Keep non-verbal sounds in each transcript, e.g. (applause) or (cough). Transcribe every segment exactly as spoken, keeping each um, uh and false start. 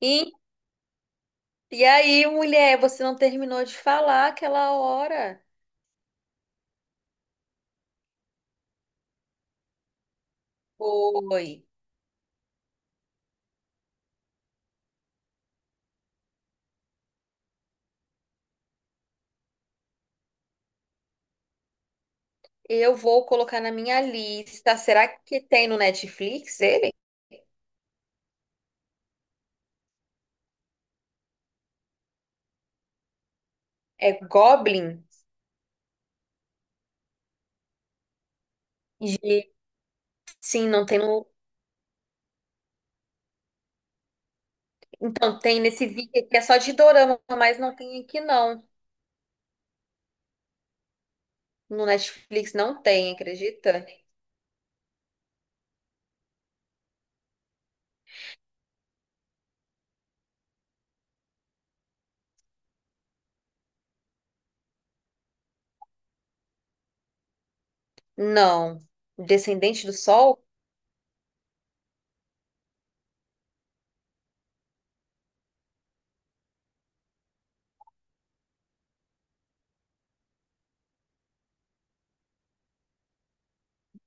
E, e aí, mulher, você não terminou de falar aquela hora? Foi. Eu vou colocar na minha lista. Será que tem no Netflix ele? É Goblin? Gente, sim, não tem no... Então, tem nesse vídeo aqui, é só de dorama, mas não tem aqui não. No Netflix não tem, acredita? Não. Descendente do Sol?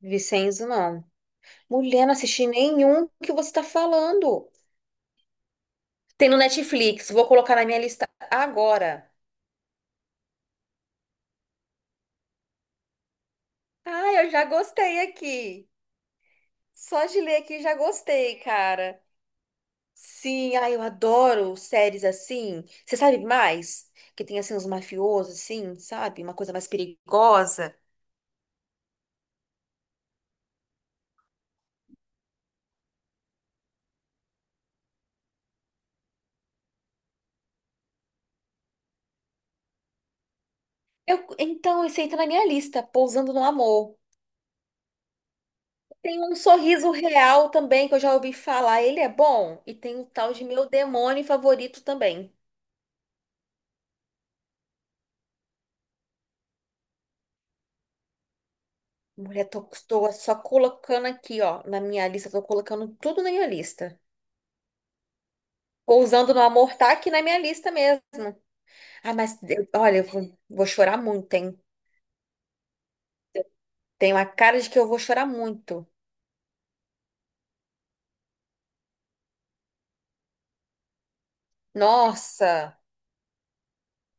Vicenzo, não. Mulher, não assisti nenhum que você tá falando. Tem no Netflix, vou colocar na minha lista agora. Ah, eu já gostei aqui. Só de ler aqui já gostei, cara. Sim, ah, eu adoro séries assim. Você sabe mais? Que tem assim uns mafiosos, assim, sabe? Uma coisa mais perigosa. Eu, então, esse aí tá na minha lista, Pousando no Amor. Tem um Sorriso Real também, que eu já ouvi falar. Ele é bom. E tem o tal de Meu Demônio Favorito também. Mulher, tô, tô só colocando aqui, ó, na minha lista. Tô colocando tudo na minha lista. Pousando no Amor tá aqui na minha lista mesmo. Ah, mas eu- olha, eu vou vou chorar muito, hein? Tem uma cara de que eu vou chorar muito. Nossa!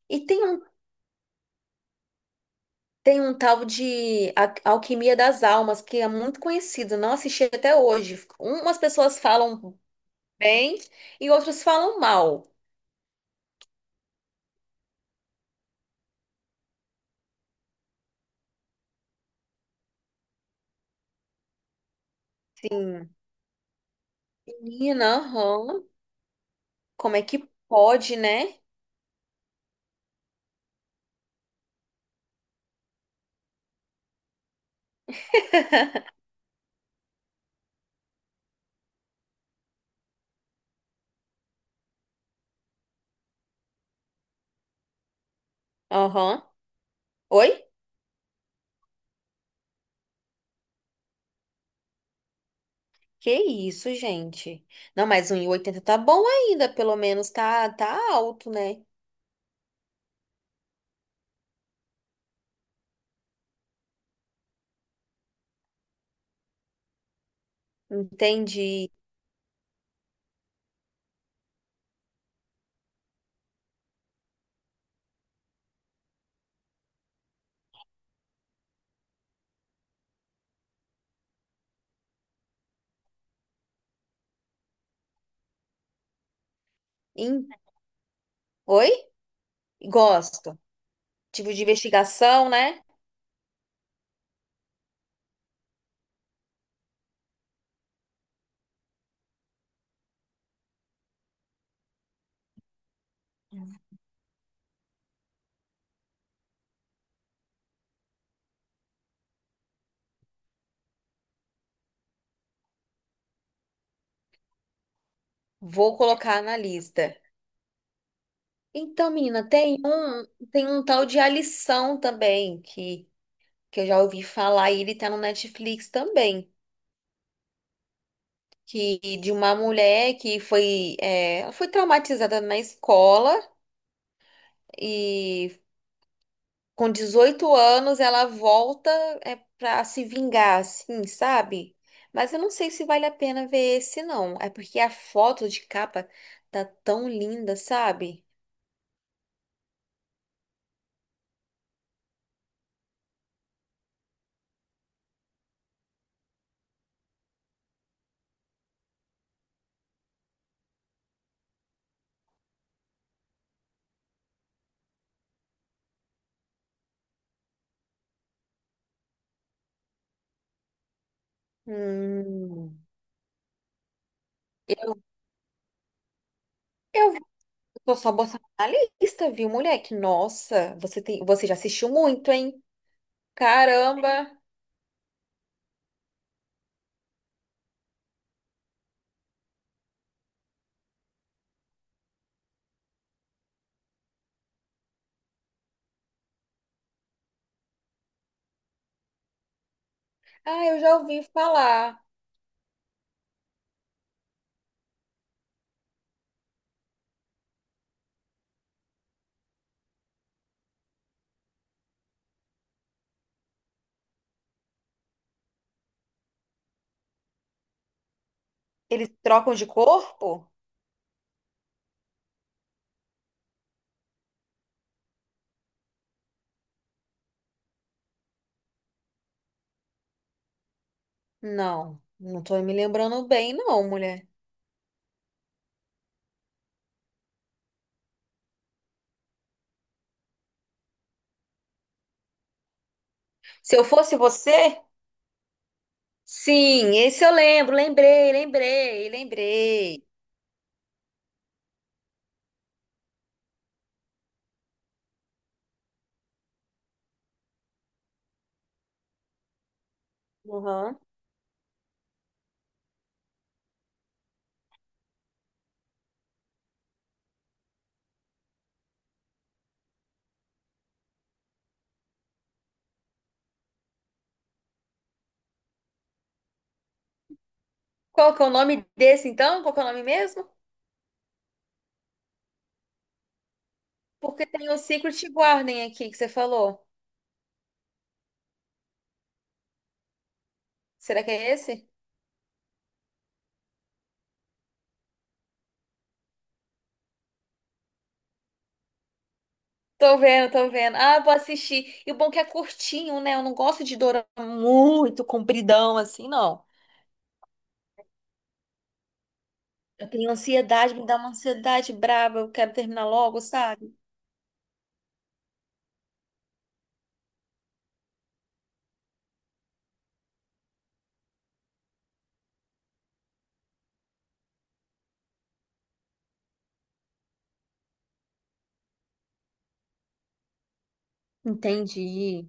E tem um, tem um tal de A- Alquimia das Almas, que é muito conhecido, não assisti até hoje. Umas pessoas falam bem e outras falam mal. Menina, aham. Como é que pode, né? Aham. Oi? Que isso, gente? Não, mas um e oitenta tá bom ainda, pelo menos tá, tá alto, né? Entendi. Em- Oi? Gosto. Tipo de investigação, né? Vou colocar na lista. Então, menina, tem um, tem um tal de A Lição também, que, que eu já ouvi falar, e ele tá no Netflix também, que de uma mulher que foi, é, ela foi traumatizada na escola e com dezoito anos ela volta é, para se vingar, assim, sabe? Mas eu não sei se vale a pena ver esse, não. É porque a foto de capa tá tão linda, sabe? Hum. Eu eu vou só botar na lista, viu, moleque? Nossa, você tem, você já assistiu muito, hein? Caramba! Ah, eu já ouvi falar. Eles trocam de corpo? Não, não tô me lembrando bem, não, mulher. Se eu fosse você? Sim, esse eu lembro, lembrei, lembrei, lembrei. Uhum. Qual que é o nome desse, então? Qual que é o nome mesmo? Porque tem o Secret Garden aqui que você falou. Será que é esse? Tô vendo, tô vendo. Ah, vou assistir. E o bom é que é curtinho, né? Eu não gosto de dorama muito compridão assim, não. Eu tenho ansiedade, me dá uma ansiedade braba. Eu quero terminar logo, sabe? Entendi.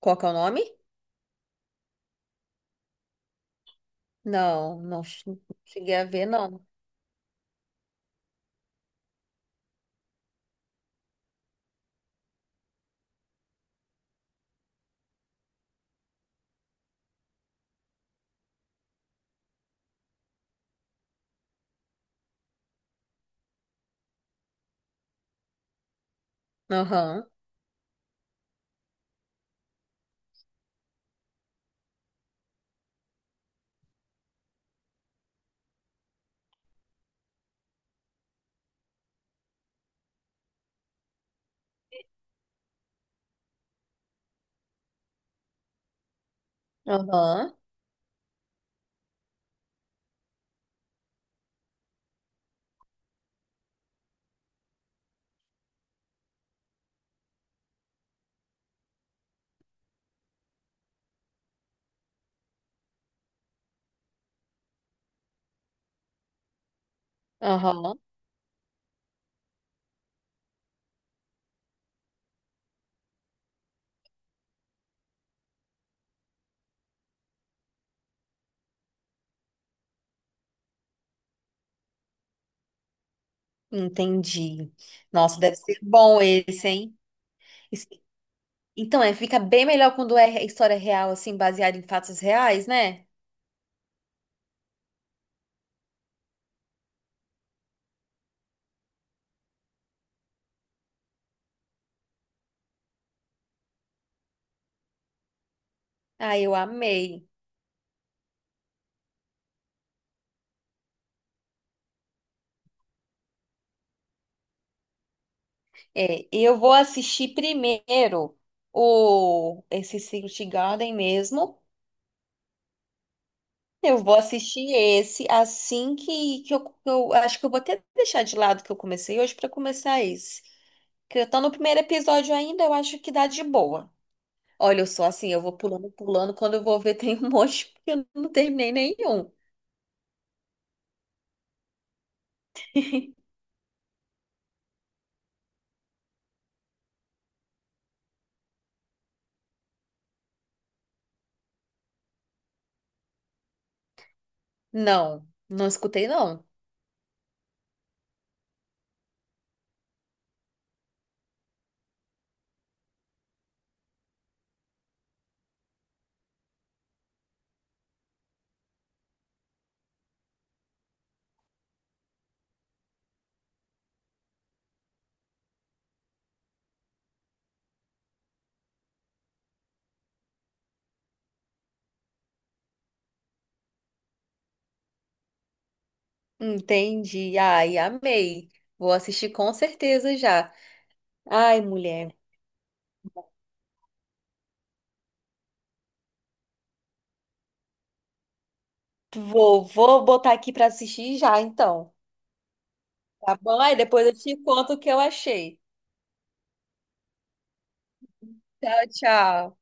Qual que é o nome? Não, não che- não cheguei a ver, não. Aham, aham, aham. Entendi. Nossa, deve ser bom esse, hein? Esse- Então, é, fica bem melhor quando é história real, assim, baseada em fatos reais, né? Ah, eu amei. É, e eu vou assistir primeiro o esse Secret Garden mesmo. Eu vou assistir esse assim que, que eu, que eu acho que eu vou até deixar de lado que eu comecei hoje para começar esse. Que eu tô no primeiro episódio ainda, eu acho que dá de boa. Olha, eu sou assim, eu vou pulando, pulando, quando eu vou ver (laughs) tem um monte, porque eu não terminei nenhum. Não, não escutei não. Entendi. Ai, amei. Vou assistir com certeza já. Ai, mulher. Vou, vou botar aqui pra assistir já, então. Tá bom? Aí depois eu te conto o que eu achei. Tchau, tchau.